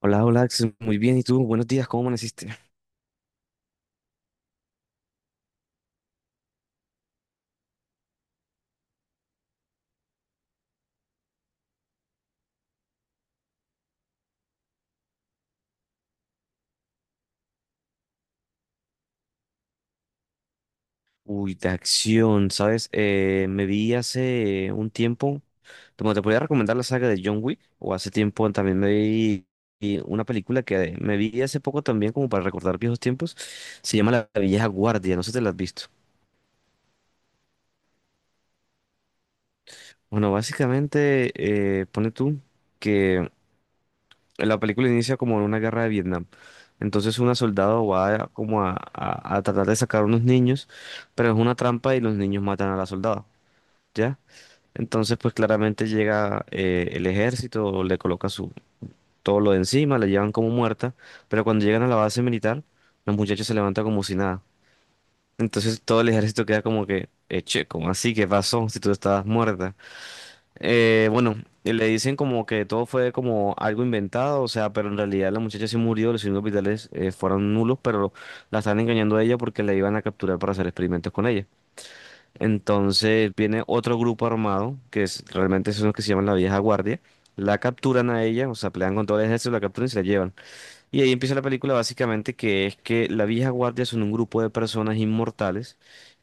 Hola, hola, Axel. Muy bien. ¿Y tú? Buenos días. ¿Cómo amaneciste? Uy, de acción, ¿sabes? Me vi hace un tiempo, como te podía recomendar la saga de John Wick, o hace tiempo también me vi una película que me vi hace poco también, como para recordar viejos tiempos, se llama La Vieja Guardia, no sé si te la has visto. Bueno, básicamente, pone tú que la película inicia como en una guerra de Vietnam. Entonces una soldado como a tratar de sacar unos niños, pero es una trampa y los niños matan a la soldada, ¿ya? Entonces pues claramente llega el ejército, le coloca su, todo lo de encima, la llevan como muerta, pero cuando llegan a la base militar, los muchachos se levantan como si nada. Entonces todo el ejército queda como que, che, ¿cómo así? ¿Qué pasó si tú estabas muerta? Bueno, le dicen como que todo fue como algo inventado, o sea, pero en realidad la muchacha sí murió, los signos vitales fueron nulos, pero la están engañando a ella porque la iban a capturar para hacer experimentos con ella. Entonces viene otro grupo armado, que es, realmente son los que se llaman la vieja guardia, la capturan a ella, o sea, pelean con todo el ejército, la capturan y se la llevan. Y ahí empieza la película básicamente que es que la vieja guardia son un grupo de personas inmortales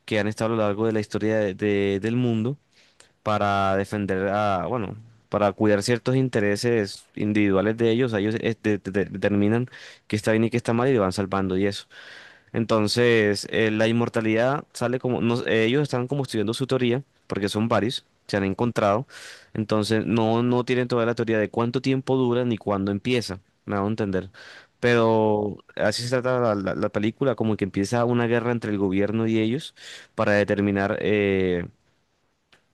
que han estado a lo largo de la historia del mundo para defender a, bueno, para cuidar ciertos intereses individuales de ellos, ellos determinan que está bien y que está mal y lo van salvando y eso. Entonces, la inmortalidad sale como, ellos están como estudiando su teoría, porque son varios, se han encontrado, entonces no, no tienen toda la teoría de cuánto tiempo dura ni cuándo empieza, me hago entender. Pero así se trata la película, como que empieza una guerra entre el gobierno y ellos para determinar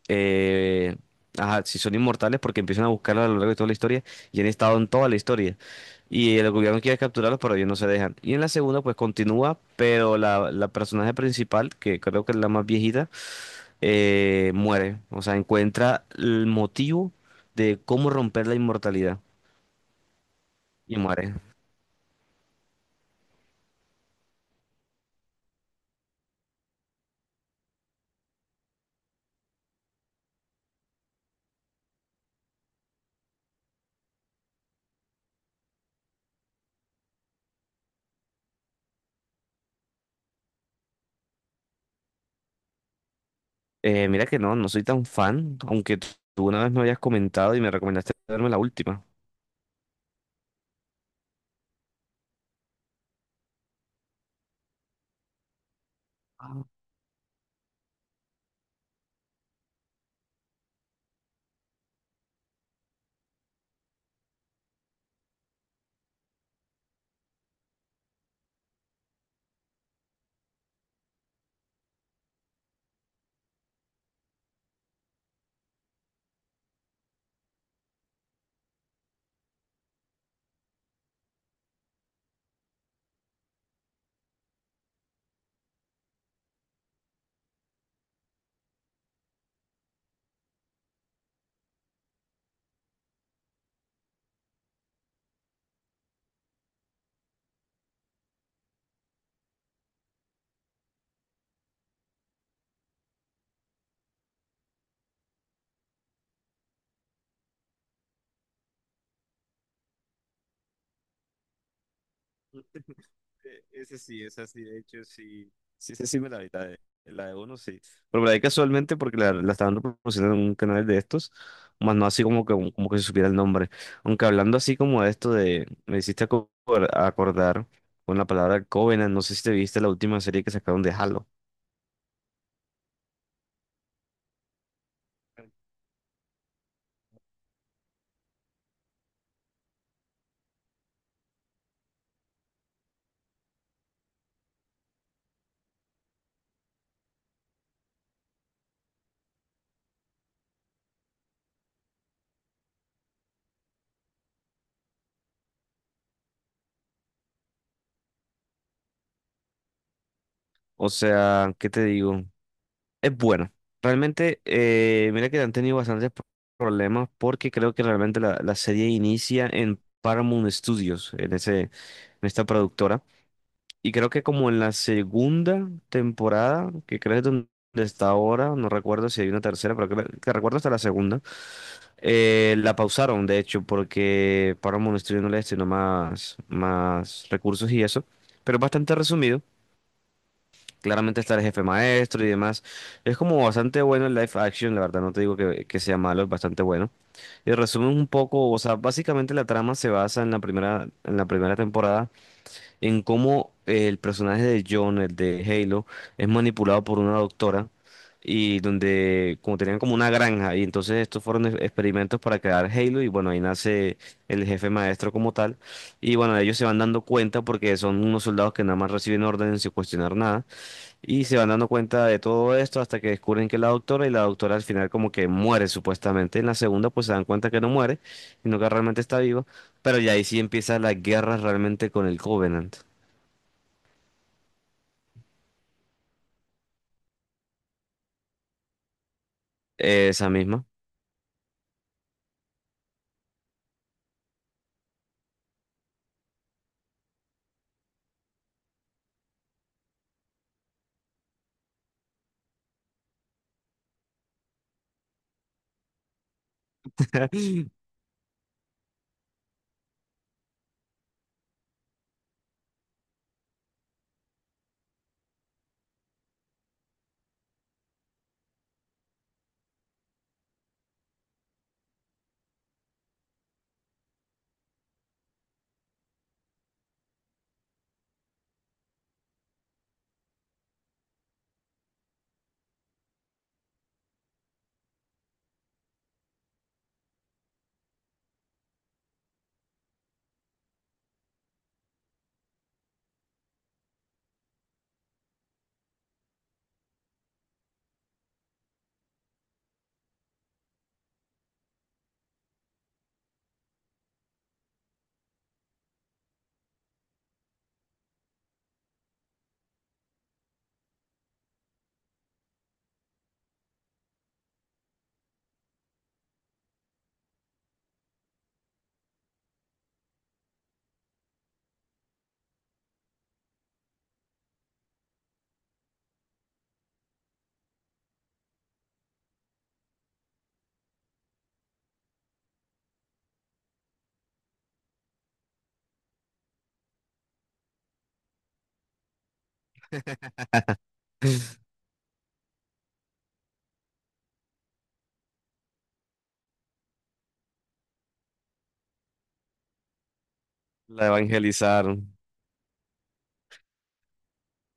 eh, ajá, si son inmortales porque empiezan a buscarlos a lo largo de toda la historia y han estado en toda la historia. Y el gobierno quiere capturarlos, pero ellos no se dejan. Y en la segunda, pues continúa, pero la personaje principal, que creo que es la más viejita, muere. O sea, encuentra el motivo de cómo romper la inmortalidad y muere. Mira que no, no soy tan fan, aunque tú una vez me habías comentado y me recomendaste verme la última. Ese sí, esa sí, de hecho, sí. Sí, sí, sí, me la vi, la de uno, sí. Pero la ahí casualmente, porque la estaban reproduciendo en un canal de estos, más no así como que se supiera el nombre. Aunque hablando así como de esto de, me hiciste acordar con la palabra Covenant, no sé si te viste la última serie que sacaron de Halo. O sea, ¿qué te digo? Es buena. Realmente, mira que han tenido bastantes problemas porque creo que realmente la serie inicia en Paramount Studios, en ese, en esta productora. Y creo que como en la segunda temporada, que creo que es donde está ahora, no recuerdo si hay una tercera, pero creo que recuerdo hasta la segunda, la pausaron, de hecho, porque Paramount Studios no le destinó más, más recursos y eso. Pero es bastante resumido. Claramente está el jefe maestro y demás. Es como bastante bueno el live action, la verdad, no te digo que sea malo, es bastante bueno. Y resumen un poco, o sea, básicamente la trama se basa en la primera temporada, en cómo el personaje de John, el de Halo, es manipulado por una doctora y donde como tenían como una granja y entonces estos fueron experimentos para crear Halo y bueno, ahí nace el jefe maestro como tal. Y bueno, ellos se van dando cuenta porque son unos soldados que nada más reciben órdenes sin cuestionar nada. Y se van dando cuenta de todo esto hasta que descubren que es la doctora y la doctora al final como que muere supuestamente. En la segunda pues se dan cuenta que no muere, sino que realmente está vivo. Pero ya ahí sí empieza la guerra realmente con el Covenant. Esa misma. La evangelizaron.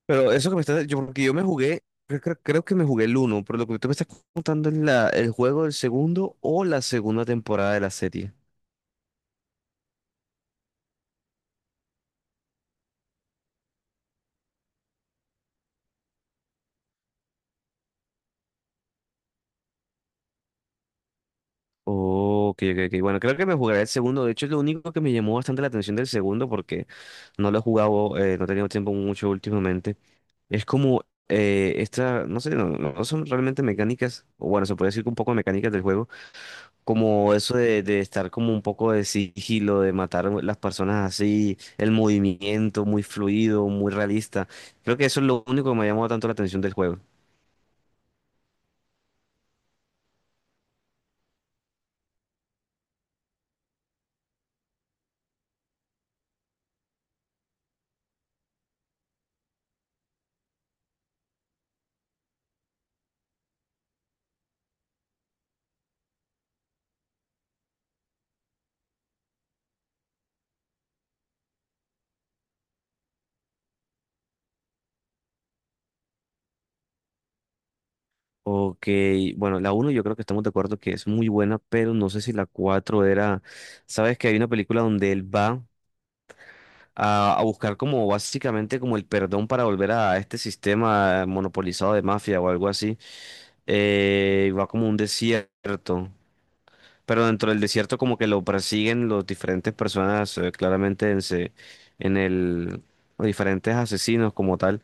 Pero eso que me estás... Yo, porque yo me jugué, creo, creo que me jugué el uno, pero lo que tú me estás contando es el juego del segundo o la segunda temporada de la serie. Ok, ok, ok. Bueno, creo que me jugaré el segundo. De hecho, es lo único que me llamó bastante la atención del segundo, porque no lo he jugado, no he tenido tiempo mucho últimamente. Es como esta, no sé, no, no son realmente mecánicas, o bueno, se puede decir que un poco de mecánicas del juego, como eso de estar como un poco de sigilo, de matar a las personas así, el movimiento muy fluido, muy realista. Creo que eso es lo único que me ha llamado tanto la atención del juego. Ok, bueno, la uno yo creo que estamos de acuerdo que es muy buena, pero no sé si la 4 era, sabes que hay una película donde él va a buscar como básicamente como el perdón para volver a este sistema monopolizado de mafia o algo así, y va como a un desierto, pero dentro del desierto como que lo persiguen los diferentes personas, claramente en, en el... los diferentes asesinos como tal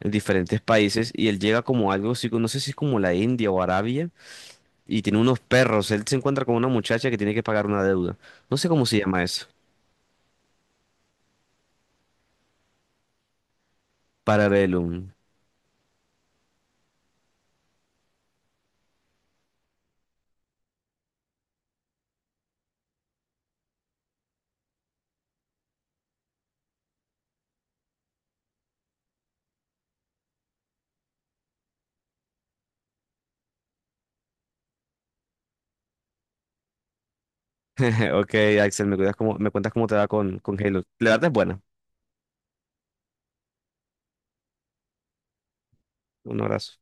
en diferentes países y él llega como a algo así, no sé si es como la India o Arabia y tiene unos perros. Él se encuentra con una muchacha que tiene que pagar una deuda. No sé cómo se llama eso. Parabellum. Ok, Axel, me cuidas cómo, me cuentas cómo te va con Halo. La verdad es buena. Un abrazo.